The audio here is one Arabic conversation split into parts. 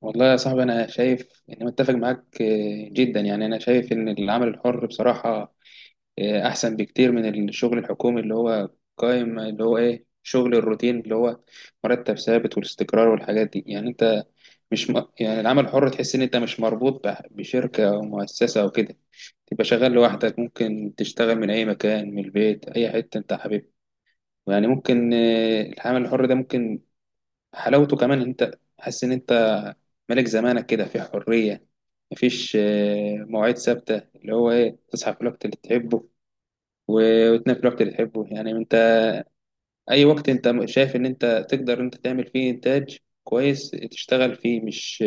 والله يا صاحبي، أنا شايف إني متفق معاك جدا. يعني أنا شايف إن العمل الحر بصراحة أحسن بكتير من الشغل الحكومي اللي هو قائم، اللي هو إيه، شغل الروتين اللي هو مرتب ثابت والاستقرار والحاجات دي. يعني أنت مش م... يعني العمل الحر تحس إن أنت مش مربوط بشركة أو مؤسسة أو كده، تبقى شغال لوحدك، ممكن تشتغل من أي مكان، من البيت، أي حتة أنت حاببها. يعني ممكن العمل الحر ده ممكن حلاوته كمان إن انت حاسس ان انت ملك زمانك كده، في حريه، مفيش مواعيد ثابته، اللي هو ايه، تصحى في الوقت اللي تحبه وتنام في الوقت اللي تحبه. يعني انت اي وقت انت شايف ان انت تقدر انت تعمل فيه انتاج كويس تشتغل فيه، مش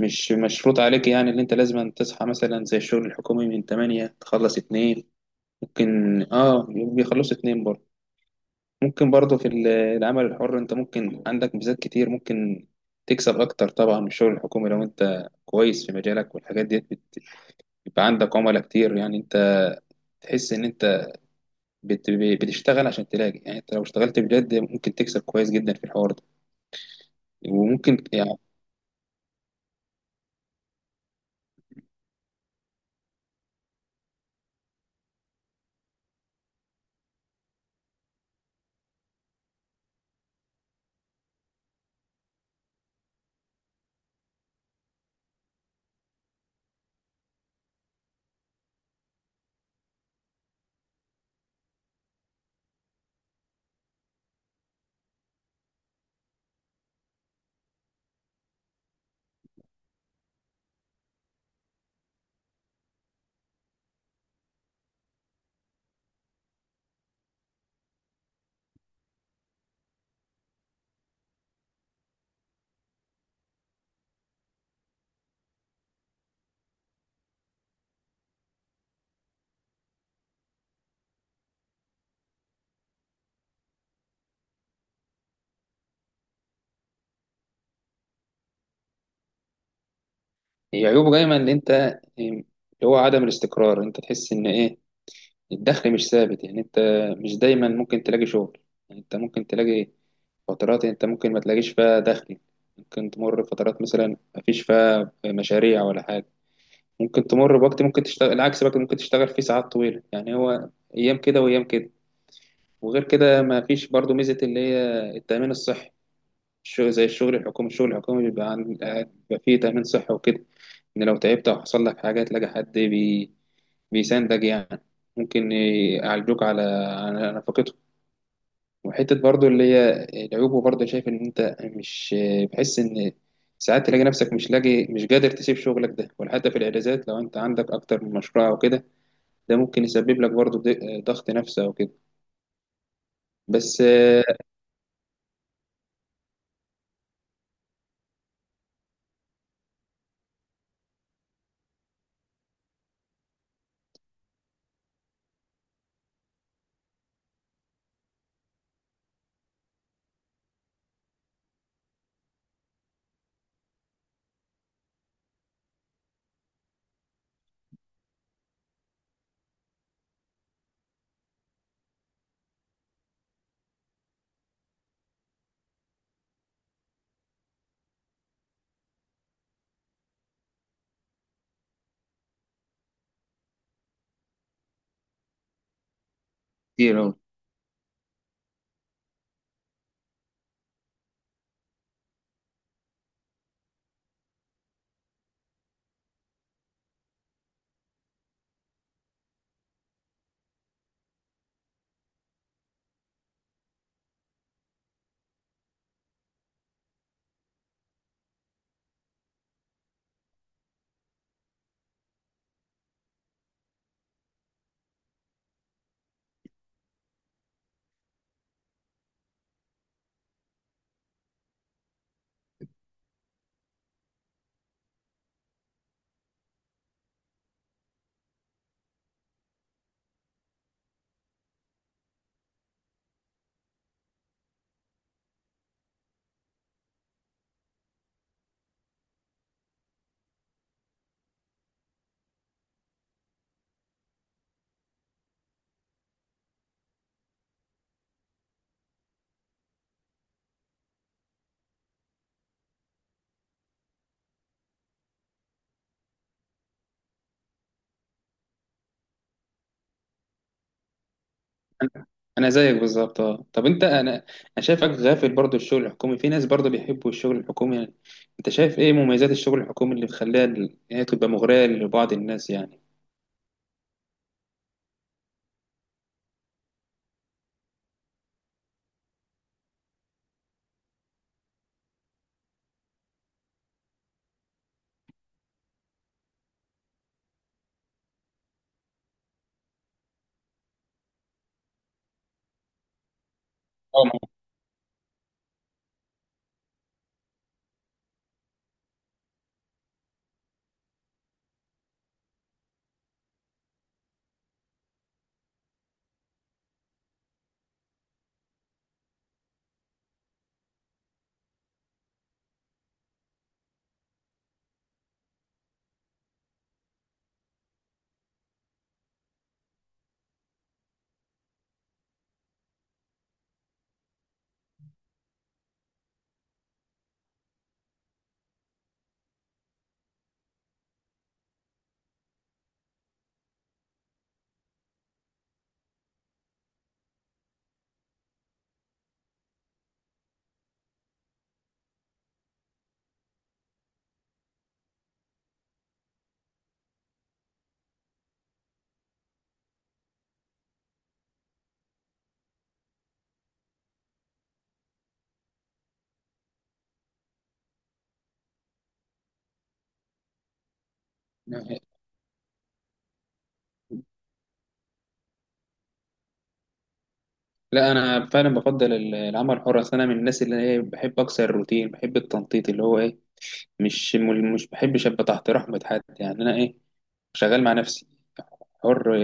مش مشروط عليك يعني ان انت لازم تصحى مثلا زي الشغل الحكومي من 8 تخلص 2. ممكن اه، بيخلصوا 2 برضه. ممكن برضه في العمل الحر انت ممكن عندك ميزات كتير، ممكن تكسب اكتر طبعا من الشغل الحكومي لو انت كويس في مجالك والحاجات دي. بيبقى عندك عملاء كتير، يعني انت تحس ان انت بت- بتشتغل عشان تلاقي. يعني انت لو اشتغلت بجد ممكن تكسب كويس جدا في الحوار ده، وممكن يعني. هي عيوبه دايما ان انت إيه، اللي هو عدم الاستقرار، انت تحس ان ايه، الدخل مش ثابت. يعني انت مش دايما ممكن تلاقي شغل، يعني انت ممكن تلاقي فترات انت ممكن ما تلاقيش فيها دخل، ممكن تمر فترات مثلا ما فيش فيها مشاريع ولا حاجة. ممكن تمر بوقت، ممكن تشتغل العكس بقى، ممكن تشتغل فيه ساعات طويلة. يعني هو ايام كده وايام كده. وغير كده ما فيش برضو ميزة اللي هي التأمين الصحي. الشغل زي الشغل الحكومي، الشغل الحكومي بيبقى عن بيبقى فيه تأمين صحي وكده، إن لو تعبت أو حصل لك حاجة تلاقي حد بيساندك يعني، ممكن يعالجوك على على نفقته. وحتة برضو اللي هي العيوب، برضو شايف إن أنت مش بحس إن ساعات تلاقي نفسك مش لاقي، مش قادر تسيب شغلك ده ولا حتى في الإجازات لو أنت عندك أكتر من مشروع أو كده. ده ممكن يسبب لك برضو ضغط نفسي أو كده. بس انا أنا زيك بالظبط. اه طب انت، انا شايفك غافل. برضو الشغل الحكومي، في ناس برضو بيحبوا الشغل الحكومي. يعني انت شايف ايه مميزات الشغل الحكومي اللي مخليها هي تبقى مغرية لبعض الناس يعني؟ اه. ما- لا، انا فعلا بفضل العمل الحر. أصل انا من الناس اللي هي بحب اكسر الروتين، بحب التنطيط اللي هو ايه، مش بحبش ابقى تحت رحمة حد. يعني انا ايه، شغال مع نفسي، حر،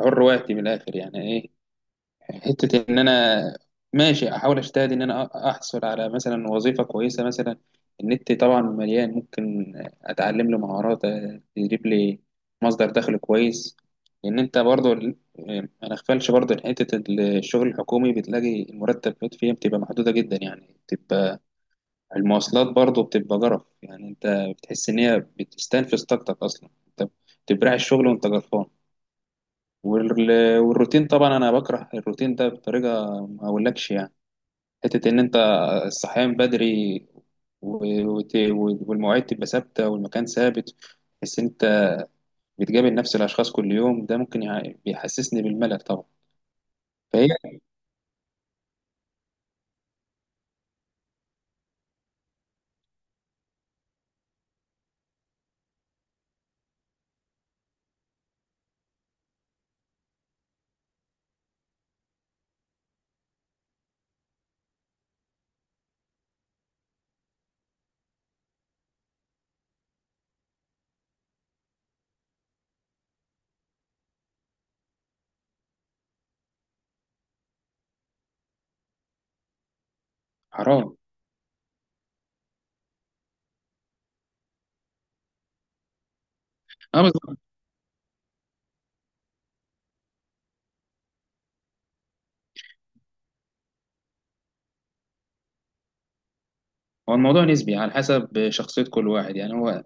حر وقتي من الاخر. يعني إيه، حتة إن أنا ماشي أحاول أجتهد إن أنا أحصل على مثلا وظيفة كويسة مثلا. النت طبعا مليان، ممكن أتعلم لي مهارات تجيب لي مصدر دخل كويس. لأن أنت برضو ما نغفلش برضو إن حتة الشغل الحكومي بتلاقي المرتبات فيها بتبقى محدودة جدا، يعني بتبقى المواصلات برضو بتبقى جرف. يعني أنت بتحس إن هي بتستنفذ طاقتك أصلا، أنت بتبرع الشغل وأنت جرفان. والروتين طبعا انا بكره الروتين ده بطريقه ما اقولكش يعني. حته ان انت الصحيان بدري و- وت- والمواعيد تبقى ثابته والمكان ثابت، بس انت بتقابل نفس الاشخاص كل يوم، ده ممكن بيحسسني بالملل طبعا. فهي حرام. اه بالظبط. هو الموضوع نسبي على حسب شخصيه كل واحد. يعني هو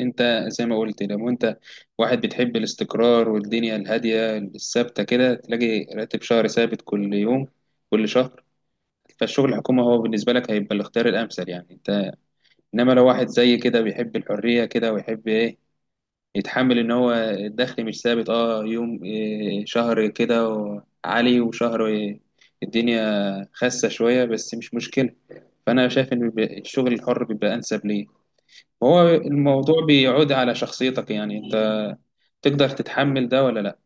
انت زي ما قلت، لو انت واحد بتحب الاستقرار والدنيا الهاديه الثابته كده، تلاقي راتب شهري ثابت كل يوم، كل شهر، فالشغل الحكومي هو بالنسبة لك هيبقى الاختيار الأمثل. يعني أنت إنما لو واحد زي كده بيحب الحرية كده ويحب إيه، يتحمل إن هو الدخل مش ثابت، أه، يوم إيه، شهر كده عالي وشهر إيه، الدنيا خاسة شوية، بس مش مشكلة، فأنا شايف إن الشغل الحر بيبقى أنسب ليه. وهو الموضوع بيعود على شخصيتك، يعني أنت تقدر تتحمل ده ولا لأ.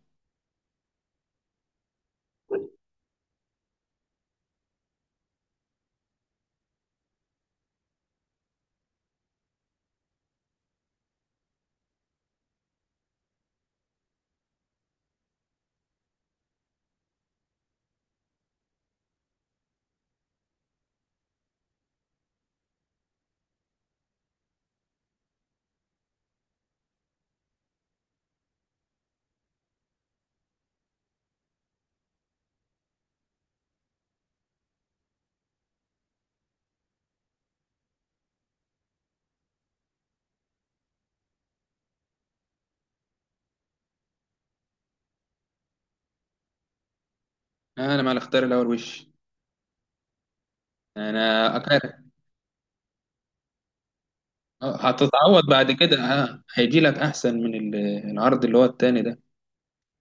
أنا مع الاختيار الأول وش. أنا هتتعوض بعد كده، هيجي لك احسن من العرض اللي هو التاني ده،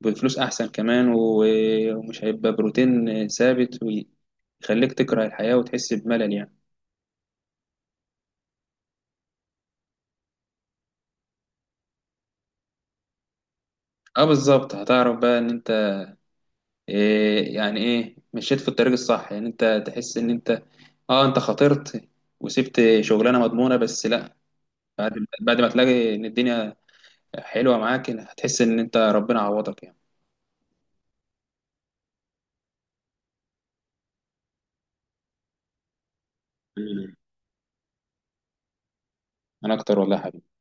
بفلوس احسن كمان، ومش هيبقى بروتين ثابت ويخليك تكره الحياة وتحس بملل يعني. اه بالظبط، هتعرف بقى ان انت إيه، يعني ايه، مشيت في الطريق الصح. يعني انت تحس ان انت اه، انت خاطرت وسبت شغلانه مضمونه، بس لا، بعد بعد ما تلاقي ان الدنيا حلوه معاك هتحس ان انت ربنا عوضك يعني. مم. انا اكتر والله يا حبيبي.